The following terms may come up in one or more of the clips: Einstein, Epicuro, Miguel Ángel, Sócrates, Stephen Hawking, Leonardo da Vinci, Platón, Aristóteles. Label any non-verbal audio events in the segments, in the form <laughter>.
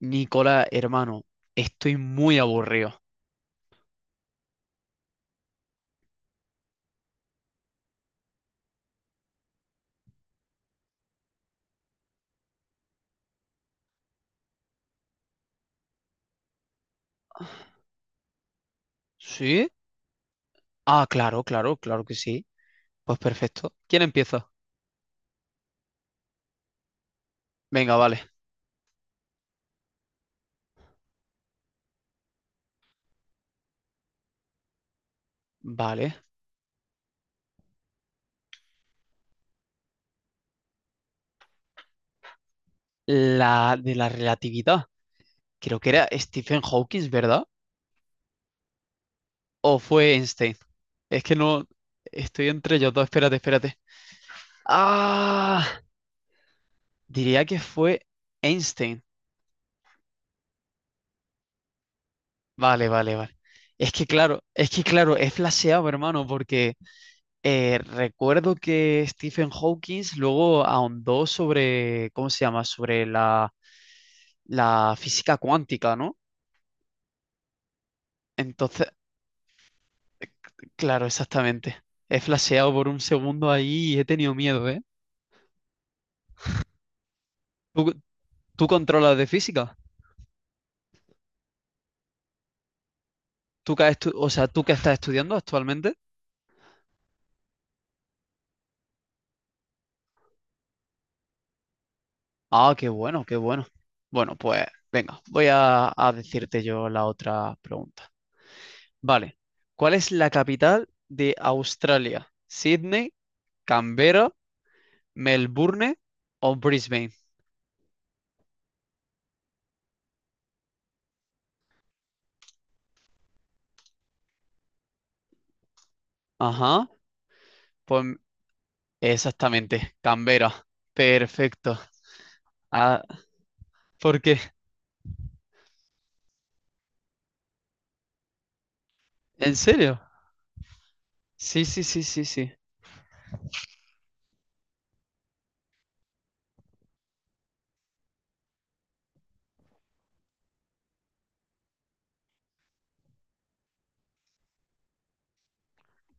Nicola, hermano, estoy muy aburrido. ¿Sí? Ah, claro, claro, claro que sí. Pues perfecto. ¿Quién empieza? Venga, vale. Vale. La de la relatividad. Creo que era Stephen Hawking, ¿verdad? ¿O fue Einstein? Es que no. Estoy entre ellos dos. Espérate, espérate. Ah, diría que fue Einstein. Vale, vale, vale. Es que claro, he flaseado, hermano, porque. Recuerdo que Stephen Hawking luego ahondó sobre, ¿cómo se llama? Sobre la física cuántica, ¿no? Entonces, eh, claro, exactamente. He flasheado por un segundo ahí y he tenido miedo, ¿eh? ¿Tú, tú controlas de física? ¿Tú que o sea, tú que estás estudiando actualmente? Ah, qué bueno, qué bueno. Bueno, pues venga, voy a decirte yo la otra pregunta. Vale. ¿Cuál es la capital de Australia? ¿Sydney, Canberra, Melbourne o Brisbane? Ajá. Pues exactamente, Canberra. Perfecto. Ah, ¿por qué? ¿En serio? Sí, sí, sí, sí, sí.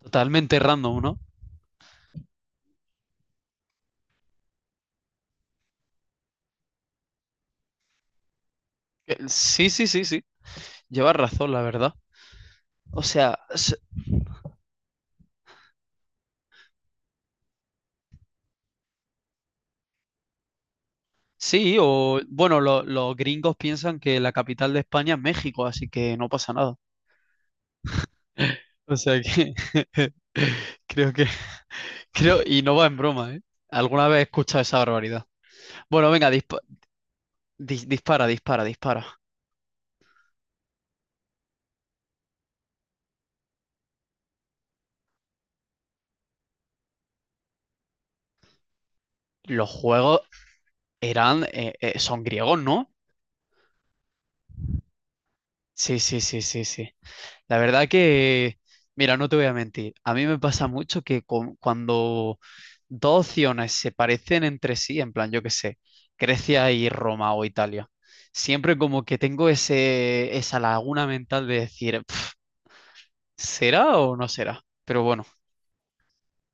Totalmente random, ¿no? Sí, sí, sí, sí. Llevas razón, la verdad. O sea, sí, o bueno, los gringos piensan que la capital de España es México, así que no pasa nada. O sea que <laughs> creo que Creo, y no va en broma, ¿eh? Alguna vez he escuchado esa barbaridad. Bueno, venga, dispara, dispara, dispara. Los juegos son griegos, ¿no? Sí, sí, sí, sí, sí. La verdad que, mira, no te voy a mentir. A mí me pasa mucho que cuando dos opciones se parecen entre sí, en plan, yo qué sé, Grecia y Roma o Italia, siempre como que tengo ese, esa laguna mental de decir, "Pf, ¿será o no será? Pero bueno,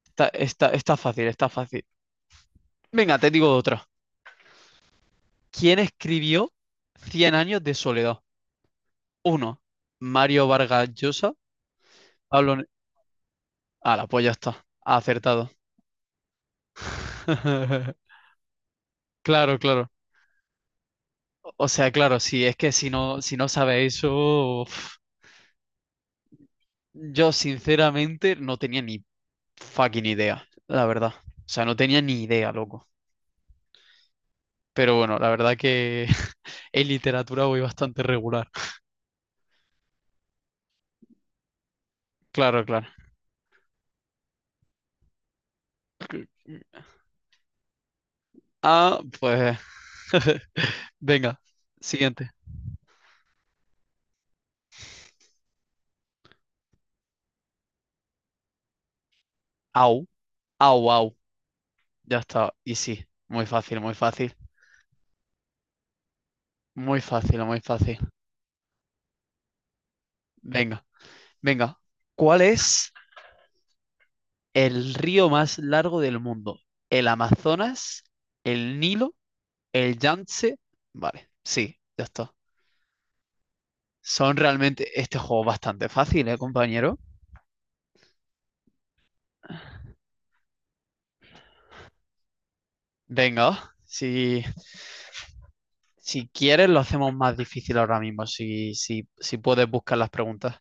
está fácil, está fácil. Venga, te digo otra. ¿Quién escribió Cien años de soledad? Uno, Mario Vargas Llosa. Pablo... Ne- Ah, pues ya está. Acertado. <laughs> Claro, claro. O sea, claro, sí, es que si no sabes eso, uf, yo sinceramente no tenía ni fucking idea, la verdad. O sea, no tenía ni idea, loco. Pero bueno, la verdad que <laughs> en literatura voy bastante regular. Claro, claro. Ah, pues. <laughs> Venga, siguiente. Au. Ah, wow. Ya está. Y sí, muy fácil, muy fácil. Muy fácil, muy fácil. Venga, venga. ¿Cuál es el río más largo del mundo? ¿El Amazonas? ¿El Nilo? ¿El Yangtze? Vale, sí, ya está. Son realmente este juego bastante fácil, ¿eh, compañero? Venga, si quieres lo hacemos más difícil ahora mismo, si puedes buscar las preguntas.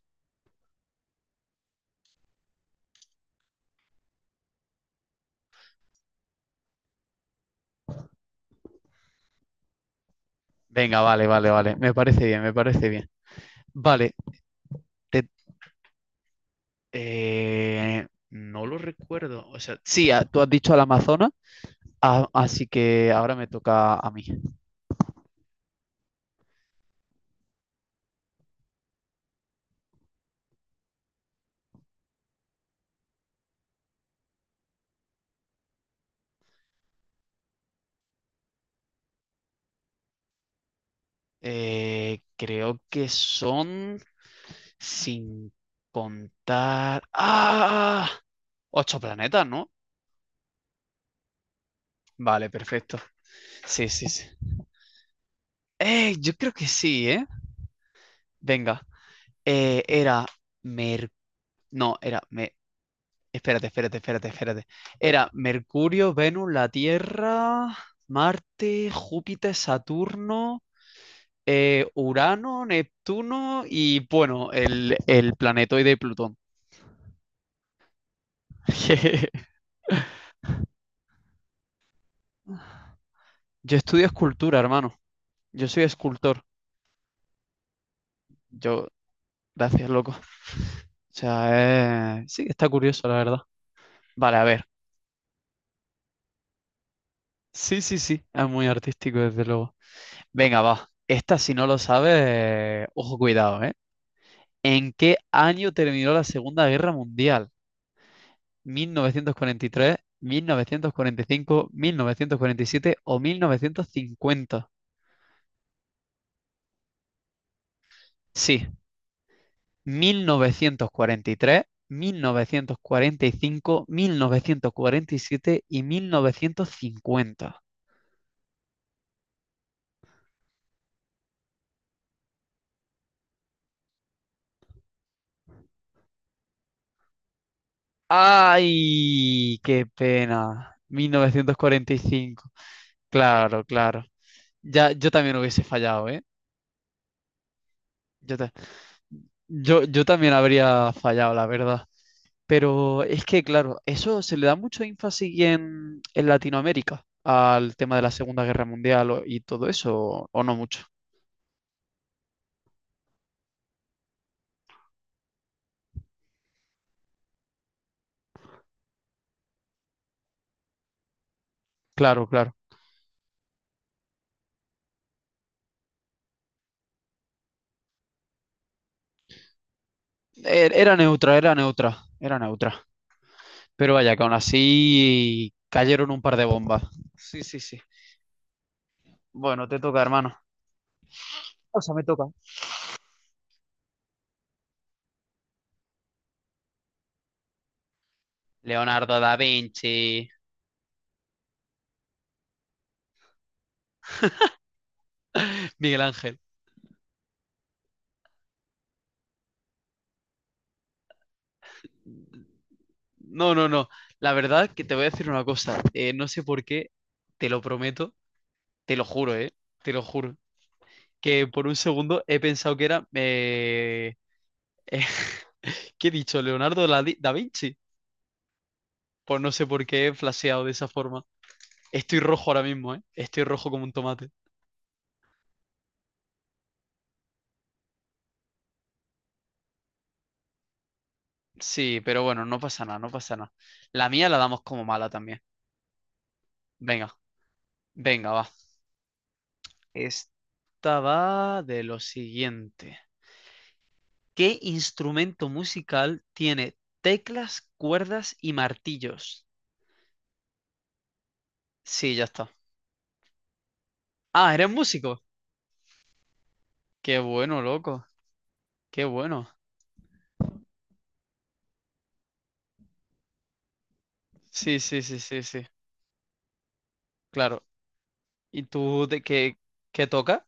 Venga, vale, vale, vale. Me parece bien, me parece bien. Vale, te no lo recuerdo. O sea, sí, ah, tú has dicho al Amazonas, ah, así que ahora me toca a mí. Creo que son, sin contar. ¡Ah! Ocho planetas, ¿no? Vale, perfecto. Sí, sí, sí. Yo creo que sí, ¿eh? Venga. Eh, era Mer... No, Me Espérate, espérate, espérate, espérate. Era Mercurio, Venus, la Tierra, Marte, Júpiter, Saturno, Urano, Neptuno y bueno, el planetoide Plutón. <laughs> Yo estudio escultura, hermano. Yo soy escultor. Yo, Gracias, loco. O sea, sí está curioso, la verdad. Vale, a ver. Sí, sí, sí, es muy artístico, desde luego. Venga, va. Esta, si no lo sabes, ojo, cuidado, ¿eh? ¿En qué año terminó la Segunda Guerra Mundial? Mil novecientos cuarenta y tres, cinco, 1947 o 1950? Sí, 1943, mil novecientos cuarenta y cinco, siete cincuenta. ¡Ay! ¡Qué pena! 1945. Claro, claro. Ya, yo también hubiese fallado, ¿eh? Yo ta- yo también habría fallado, la verdad. Pero es que, claro, eso se le da mucho énfasis en Latinoamérica al tema de la Segunda Guerra Mundial y todo eso, o, no mucho. Claro, claro. Era neutra, era neutra, era neutra. Pero vaya, que aún así cayeron un par de bombas. Sí, sí, sí. Bueno, te toca, hermano. O sea, me toca. Leonardo da Vinci, <laughs> Miguel Ángel. No, no, no. La verdad que te voy a decir una cosa. No sé por qué, te lo prometo, te lo juro, ¿eh? Te lo juro. Que por un segundo he pensado que eh, <laughs> ¿qué he dicho? Leonardo da Vinci. Pues no sé por qué he flasheado de esa forma. Estoy rojo ahora mismo, ¿eh? Estoy rojo como un tomate. Sí, pero bueno, no pasa nada, no pasa nada. La mía la damos como mala también. Venga, venga, va. Esta va de lo siguiente. ¿Qué instrumento musical tiene teclas, cuerdas y martillos? Sí, ya está. Ah, ¿eres músico? Qué bueno, loco. Qué bueno. Sí, sí, sí, sí, sí. Claro. ¿Y tú de qué tocas?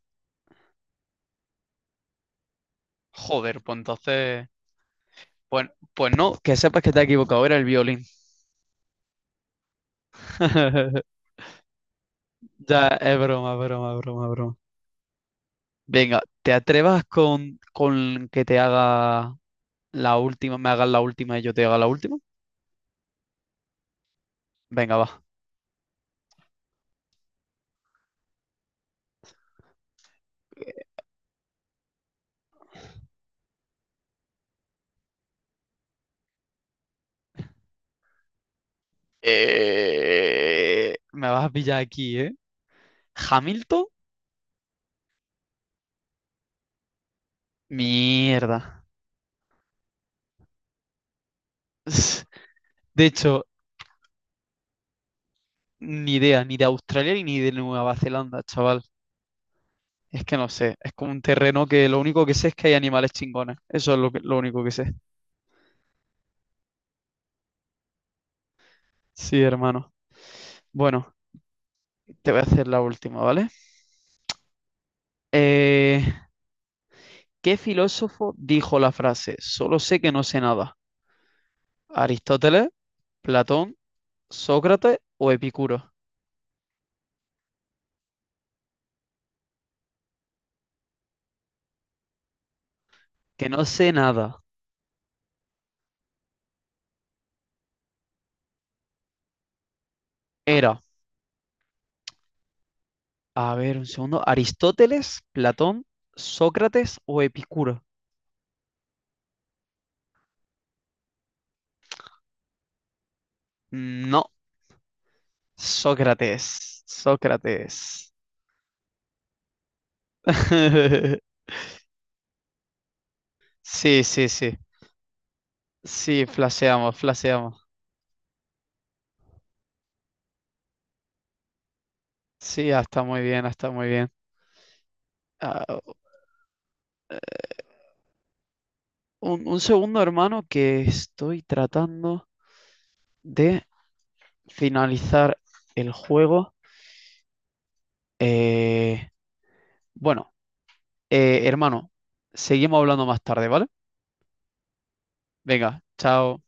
Joder, pues entonces. Pues, pues no, que sepas que te has equivocado, era el violín. <laughs> Ya, es broma, broma, broma, broma. Venga, ¿te atrevas con que te haga la última, me hagas la última y yo te haga la última? Venga, va. Me vas a pillar aquí, ¿eh? Hamilton, mierda. <laughs> De hecho, ni idea, ni de Australia ni de Nueva Zelanda, chaval. Es que no sé, es como un terreno que lo único que sé es que hay animales chingones. Eso es lo único que sé. Sí, hermano. Bueno, te voy a hacer la última, ¿vale? Eh, ¿Qué filósofo dijo la frase, solo sé que no sé nada? ¿Aristóteles, Platón, Sócrates o Epicuro? Que no sé nada. Era A ver, un segundo. ¿Aristóteles, Platón, Sócrates o Epicuro? No, Sócrates. Sócrates. <laughs> Sí, sí, sí. Sí, flaseamos, flaseamos. Sí, ah, está muy bien, ah, está muy bien. Ah, un segundo, hermano, que estoy tratando de finalizar el juego. Eh, bueno, hermano, seguimos hablando más tarde, ¿vale? Venga, chao.